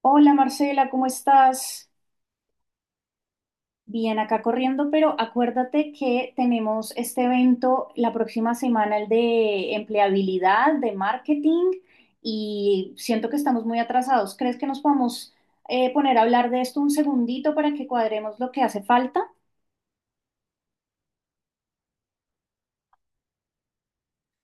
Hola Marcela, ¿cómo estás? Bien, acá corriendo, pero acuérdate que tenemos este evento la próxima semana, el de empleabilidad, de marketing, y siento que estamos muy atrasados. ¿Crees que nos podemos poner a hablar de esto un segundito para que cuadremos lo que hace falta?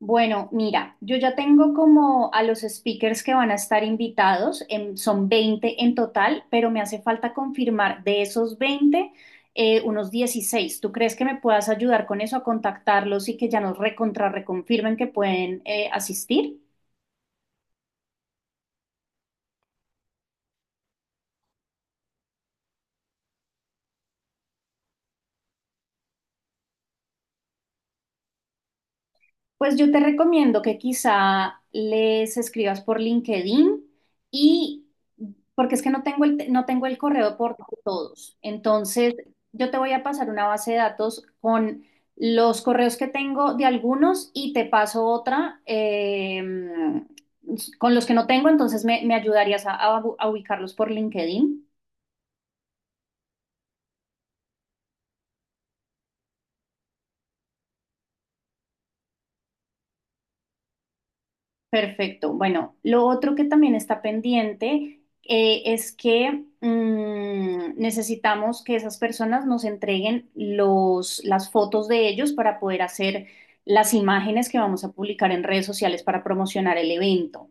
Bueno, mira, yo ya tengo como a los speakers que van a estar invitados, son 20 en total, pero me hace falta confirmar de esos 20 unos 16. ¿Tú crees que me puedas ayudar con eso a contactarlos y que ya nos recontra reconfirmen que pueden asistir? Pues yo te recomiendo que quizá les escribas por LinkedIn y porque es que no tengo no tengo el correo por todos. Entonces, yo te voy a pasar una base de datos con los correos que tengo de algunos y te paso otra con los que no tengo, entonces me ayudarías a ubicarlos por LinkedIn. Perfecto. Bueno, lo otro que también está pendiente es que necesitamos que esas personas nos entreguen las fotos de ellos para poder hacer las imágenes que vamos a publicar en redes sociales para promocionar el evento.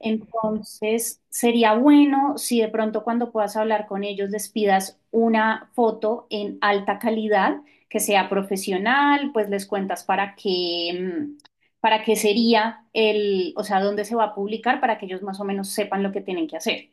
Entonces, sería bueno si de pronto cuando puedas hablar con ellos les pidas una foto en alta calidad, que sea profesional, pues les cuentas para qué, para qué sería el, o sea, dónde se va a publicar para que ellos más o menos sepan lo que tienen que hacer.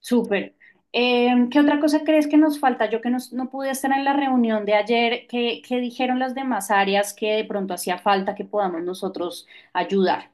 Súper. ¿Qué otra cosa crees que nos falta? No pude estar en la reunión de ayer, ¿qué dijeron las demás áreas que de pronto hacía falta que podamos nosotros ayudar?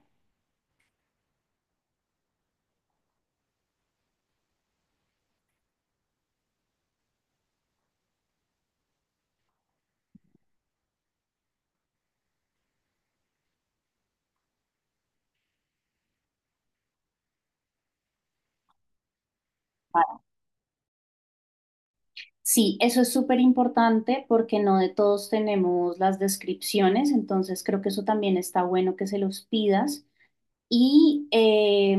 Sí, eso es súper importante porque no de todos tenemos las descripciones, entonces creo que eso también está bueno que se los pidas. Y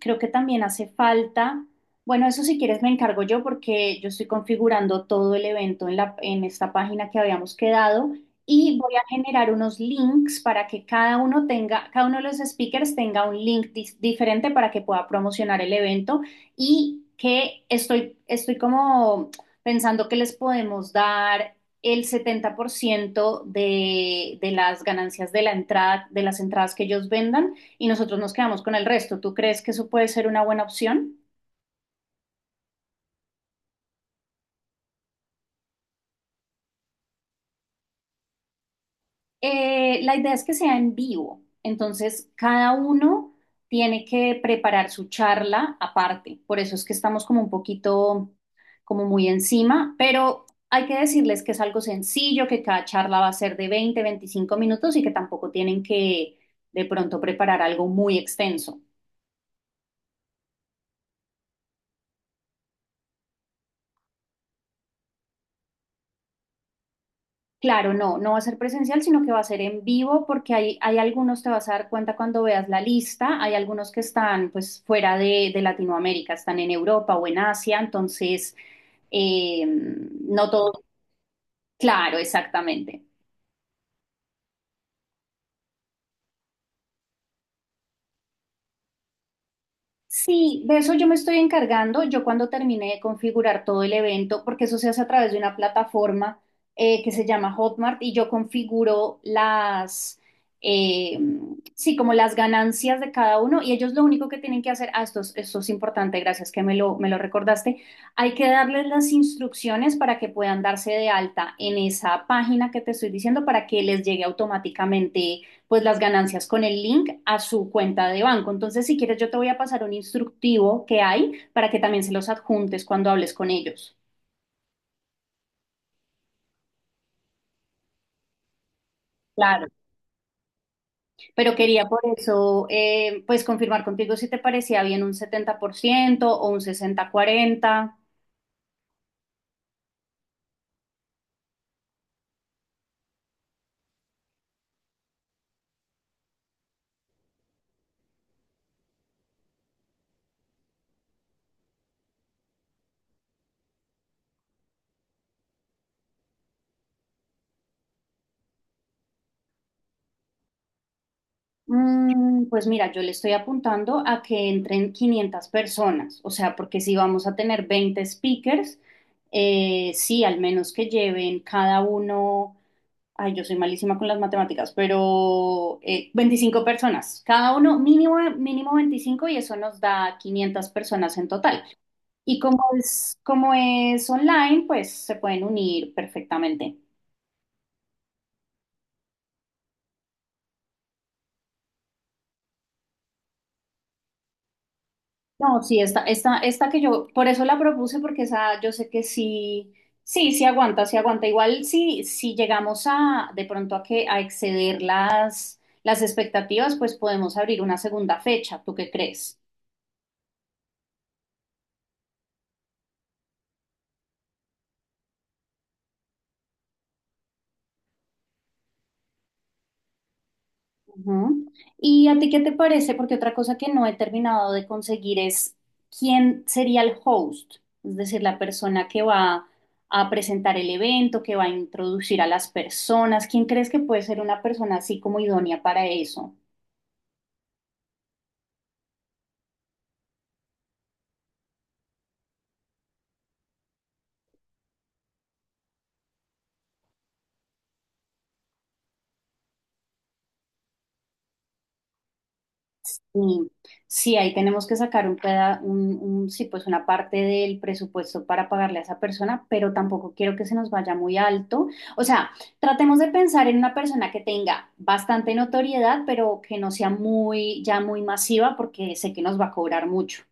creo que también hace falta, bueno, eso si quieres me encargo yo porque yo estoy configurando todo el evento en en esta página que habíamos quedado y voy a generar unos links para que cada uno tenga, cada uno de los speakers tenga un diferente para que pueda promocionar el evento y que estoy como pensando que les podemos dar el 70% de las ganancias de la entrada, de las entradas que ellos vendan y nosotros nos quedamos con el resto. ¿Tú crees que eso puede ser una buena opción? La idea es que sea en vivo, entonces cada uno tiene que preparar su charla aparte. Por eso es que estamos como un poquito, como muy encima, pero hay que decirles que es algo sencillo, que cada charla va a ser de 20-25 minutos y que tampoco tienen que de pronto preparar algo muy extenso. Claro, no, no va a ser presencial, sino que va a ser en vivo porque hay algunos, te vas a dar cuenta cuando veas la lista, hay algunos que están pues fuera de Latinoamérica, están en Europa o en Asia, entonces no todo, claro, exactamente. Sí, de eso yo me estoy encargando. Yo cuando terminé de configurar todo el evento, porque eso se hace a través de una plataforma que se llama Hotmart y yo configuro eh, sí, como las ganancias de cada uno y ellos lo único que tienen que hacer, ah, esto, esto es importante, gracias que me me lo recordaste, hay que darles las instrucciones para que puedan darse de alta en esa página que te estoy diciendo para que les llegue automáticamente pues las ganancias con el link a su cuenta de banco. Entonces, si quieres, yo te voy a pasar un instructivo que hay para que también se los adjuntes cuando hables con ellos. Claro, pero quería por eso, pues confirmar contigo si te parecía bien un 70% o un 60-40. Pues mira, yo le estoy apuntando a que entren 500 personas, o sea, porque si vamos a tener 20 speakers, sí, al menos que lleven cada uno. Ay, yo soy malísima con las matemáticas, pero 25 personas, cada uno mínimo, mínimo 25 y eso nos da 500 personas en total. Y como es online, pues se pueden unir perfectamente. No, sí, esta que yo, por eso la propuse, porque esa yo sé que sí aguanta, sí aguanta. Igual sí, si llegamos a de pronto a que a exceder las expectativas, pues podemos abrir una segunda fecha. ¿Tú qué crees? Ujú. ¿Y a ti qué te parece? Porque otra cosa que no he terminado de conseguir es quién sería el host, es decir, la persona que va a presentar el evento, que va a introducir a las personas. ¿Quién crees que puede ser una persona así como idónea para eso? Y sí, ahí tenemos que sacar un peda- un- sí, pues una parte del presupuesto para pagarle a esa persona, pero tampoco quiero que se nos vaya muy alto. O sea, tratemos de pensar en una persona que tenga bastante notoriedad, pero que no sea muy, ya muy masiva, porque sé que nos va a cobrar mucho.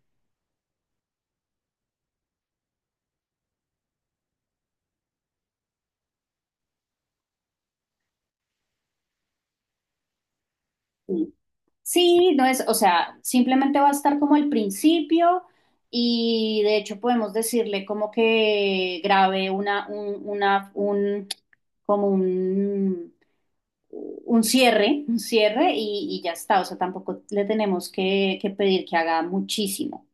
Sí, sí, no es, o sea, simplemente va a estar como el principio y de hecho podemos decirle como que grabe como un cierre y ya está. O sea, tampoco le tenemos que pedir que haga muchísimo.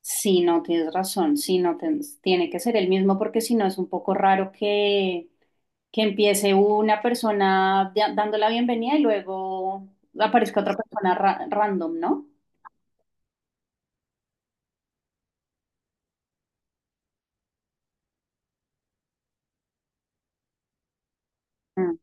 Si no tienes razón, si no tiene que ser el mismo, porque si no es un poco raro que empiece una dando la bienvenida y luego aparezca otra random, ¿no? Mm,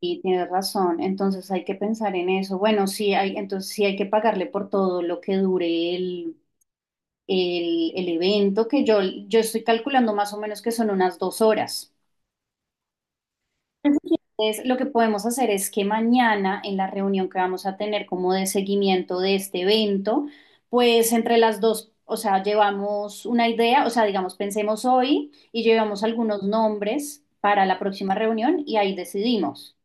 y tienes razón, entonces hay que pensar en eso. Bueno, sí hay, entonces sí hay que pagarle por todo lo que dure el evento, que yo estoy calculando más o menos que son unas 2 horas. Entonces, lo que podemos hacer es que mañana, en la reunión que vamos a tener como de seguimiento de este evento, pues entre las dos, o sea, llevamos una idea, o sea, digamos, pensemos hoy y llevamos algunos nombres para la próxima reunión y ahí decidimos.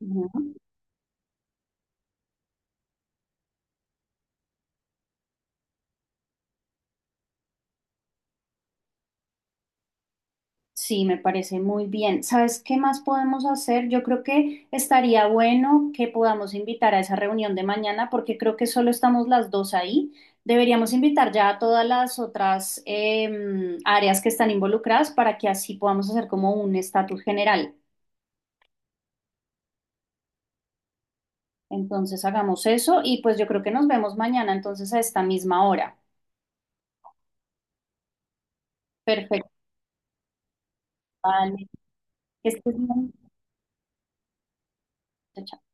Ujú. Sí, me parece muy bien. ¿Sabes qué más podemos hacer? Yo creo que estaría bueno que podamos invitar a esa reunión de mañana porque creo que solo estamos las dos ahí. Deberíamos invitar ya a todas las otras áreas que están involucradas para que así podamos hacer como un estatus general. Entonces hagamos eso y pues yo creo que nos vemos mañana entonces a esta misma hora. Perfecto. Vale. Que estés muy bien. Chao, chao.